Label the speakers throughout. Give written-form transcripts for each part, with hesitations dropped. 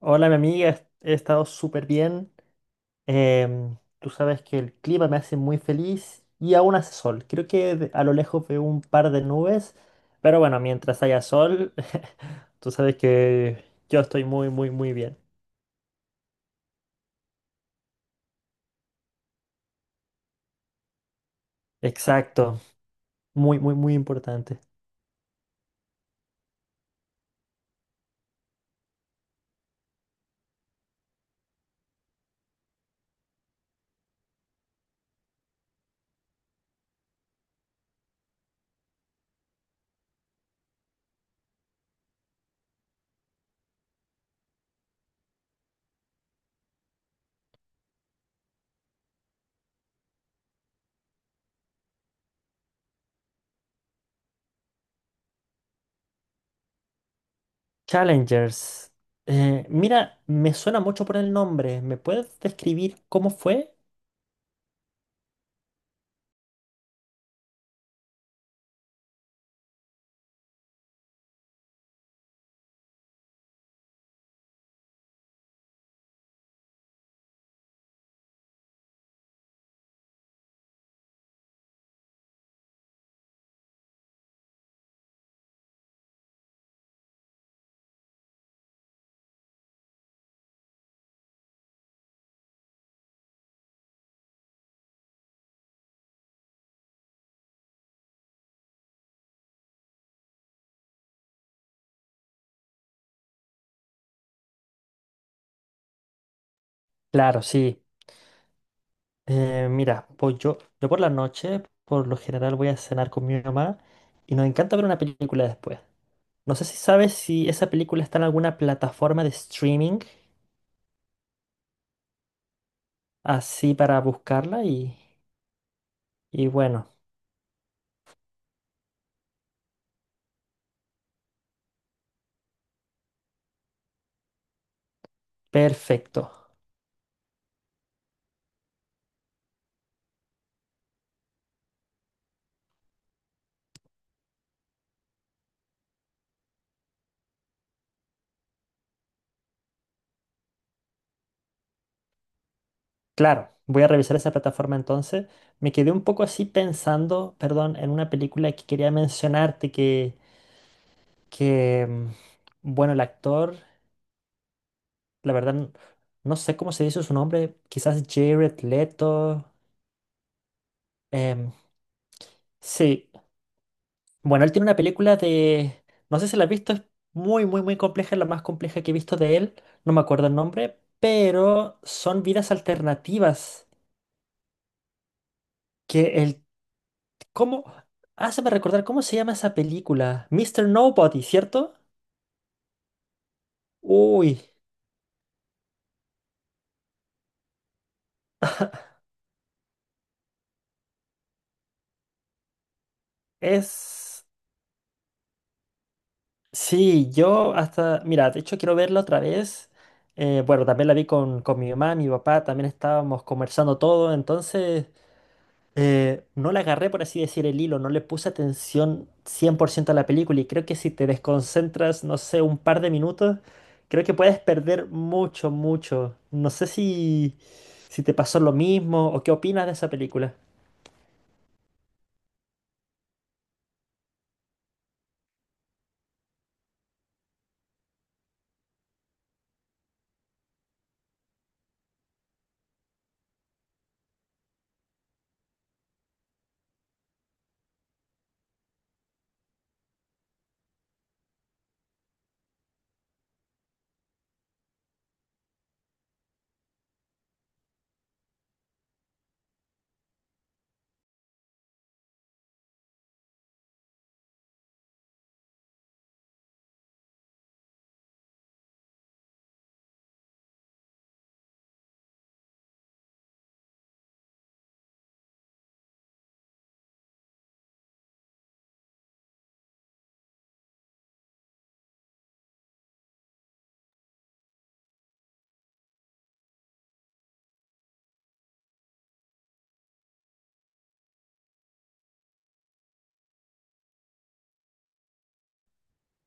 Speaker 1: Hola, mi amiga, he estado súper bien. Tú sabes que el clima me hace muy feliz y aún hace sol. Creo que a lo lejos veo un par de nubes, pero bueno, mientras haya sol, tú sabes que yo estoy muy, muy, muy bien. Exacto, muy, muy, muy importante. Challengers. Mira, me suena mucho por el nombre. ¿Me puedes describir cómo fue? Claro, sí. Mira, pues yo por la noche, por lo general, voy a cenar con mi mamá y nos encanta ver una película después. No sé si sabes si esa película está en alguna plataforma de streaming, así para buscarla y bueno, perfecto. Claro, voy a revisar esa plataforma entonces. Me quedé un poco así pensando, perdón, en una película que quería mencionarte que, bueno, el actor, la verdad, no sé cómo se dice su nombre, quizás Jared Leto. em, Sí. Bueno, él tiene una película de... No sé si la has visto, es muy, muy, muy compleja, es la más compleja que he visto de él, no me acuerdo el nombre, pero son vidas alternativas. Que el... ¿Cómo? Háceme recordar, ¿cómo se llama esa película? Mister Nobody, ¿cierto? Uy, es... Sí, yo hasta... Mira, de hecho quiero verla otra vez. Bueno, también la vi con mi mamá, mi papá, también estábamos conversando todo, entonces... no le agarré, por así decir, el hilo, no le puse atención 100% a la película y creo que si te desconcentras, no sé, un par de minutos, creo que puedes perder mucho, mucho. No sé si, si te pasó lo mismo o qué opinas de esa película.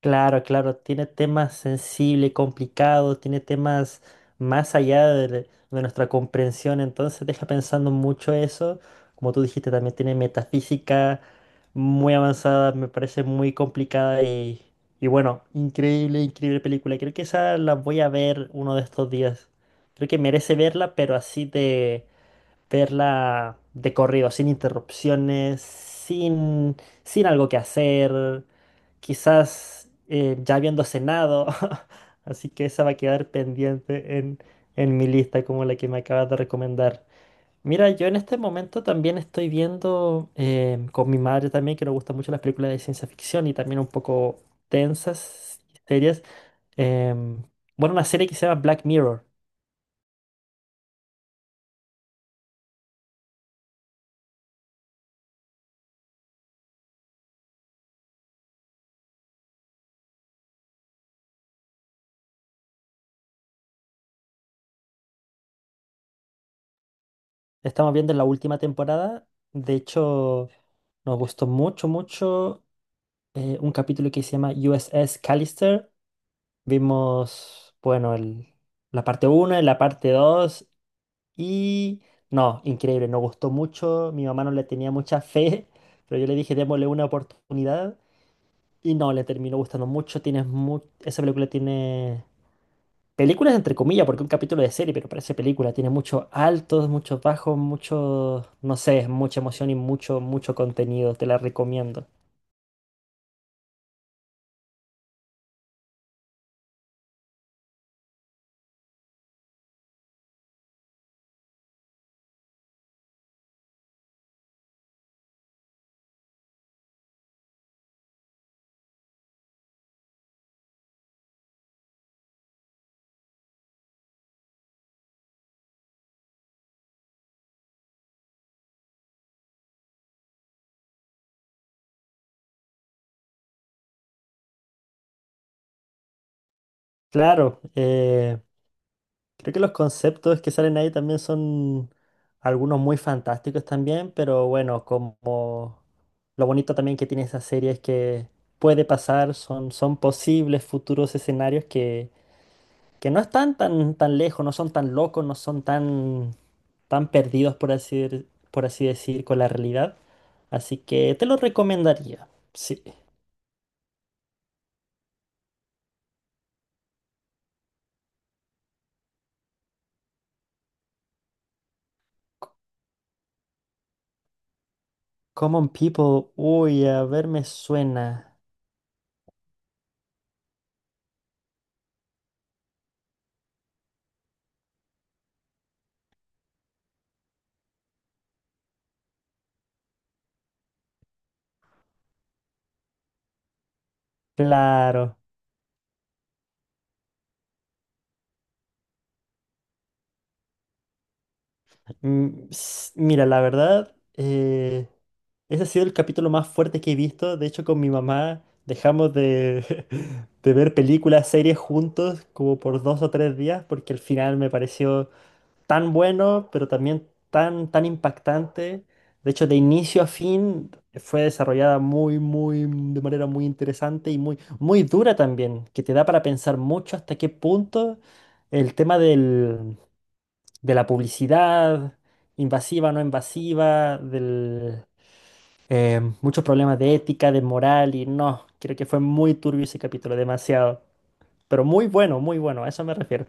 Speaker 1: Claro, claro, tiene temas sensibles, complicados, tiene temas más allá de nuestra comprensión, entonces deja pensando mucho eso. Como tú dijiste, también tiene metafísica muy avanzada, me parece muy complicada y bueno, increíble, increíble película. Creo que esa la voy a ver uno de estos días. Creo que merece verla, pero así verla de corrido, sin interrupciones, sin, sin algo que hacer, quizás ya habiendo cenado. Así que esa va a quedar pendiente en mi lista como la que me acabas de recomendar. Mira, yo en este momento también estoy viendo con mi madre también, que nos gustan mucho las películas de ciencia ficción y también un poco tensas, serias. em, bueno, una serie que se llama Black Mirror. Estamos viendo la última temporada. De hecho... Nos gustó mucho, mucho un capítulo que se llama USS Callister. Vimos, bueno, la parte uno la parte 2 y... No, increíble, nos gustó mucho. Mi mamá no le tenía mucha fe, pero yo le dije, démosle una oportunidad. Y no, le terminó gustando mucho. Tienes esa película tiene... Películas entre comillas, porque es un capítulo de serie, pero parece película. Tiene muchos altos, muchos bajos, mucho, no sé, mucha emoción y mucho, mucho contenido. Te la recomiendo. Claro, creo que los conceptos que salen ahí también son algunos muy fantásticos también, pero bueno, como lo bonito también que tiene esa serie es que puede pasar, son, son posibles futuros escenarios que no están tan, tan lejos, no son tan locos, no son tan, tan perdidos, por así decir, con la realidad. Así que te lo recomendaría. Sí. C- Common People, uy, a ver, me suena. Claro. Mira, la verdad, ese ha sido el capítulo más fuerte que he visto. De hecho, con mi mamá dejamos de, de ver películas, series juntos como por dos o tres días, porque el final me pareció tan bueno, pero también tan, tan impactante. De hecho, de inicio a fin fue desarrollada muy, muy, de manera muy interesante y muy, muy dura también, que te da para pensar mucho hasta qué punto el tema del de la publicidad, invasiva, no invasiva, del, muchos problemas de ética, de moral y no, creo que fue muy turbio ese capítulo, demasiado, pero muy bueno, muy bueno, a eso me refiero.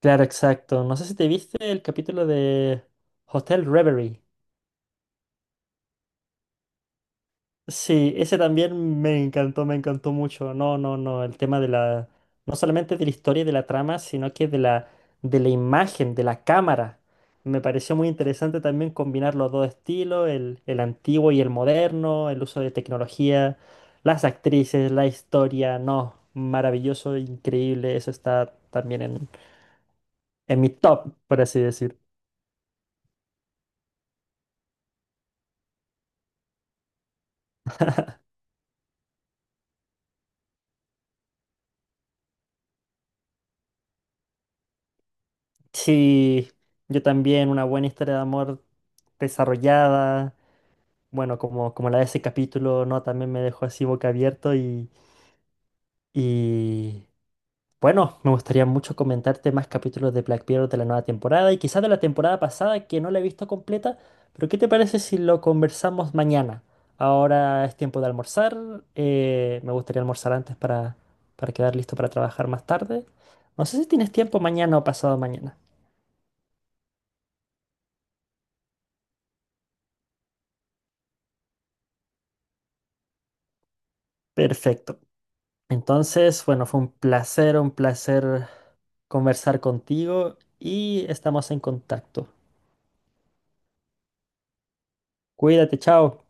Speaker 1: Claro, exacto. No sé si te viste el capítulo de Hotel Reverie. Sí, ese también me encantó mucho. No, no, no, el tema de la, no solamente de la historia y de la trama, sino que de la imagen, de la cámara. Me pareció muy interesante también combinar los dos estilos, el antiguo y el moderno, el uso de tecnología, las actrices, la historia. No, maravilloso, increíble. Eso está también en mi top, por así decir. Sí, yo también, una buena historia de amor desarrollada bueno, como, como la de ese capítulo, ¿no? También me dejó así boca abierto y bueno, me gustaría mucho comentarte más capítulos de Black Mirror de la nueva temporada y quizás de la temporada pasada que no la he visto completa, pero ¿qué te parece si lo conversamos mañana? Ahora es tiempo de almorzar, me gustaría almorzar antes para quedar listo para trabajar más tarde. No sé si tienes tiempo mañana o pasado mañana. Perfecto. Entonces, bueno, fue un placer conversar contigo y estamos en contacto. Cuídate, chao.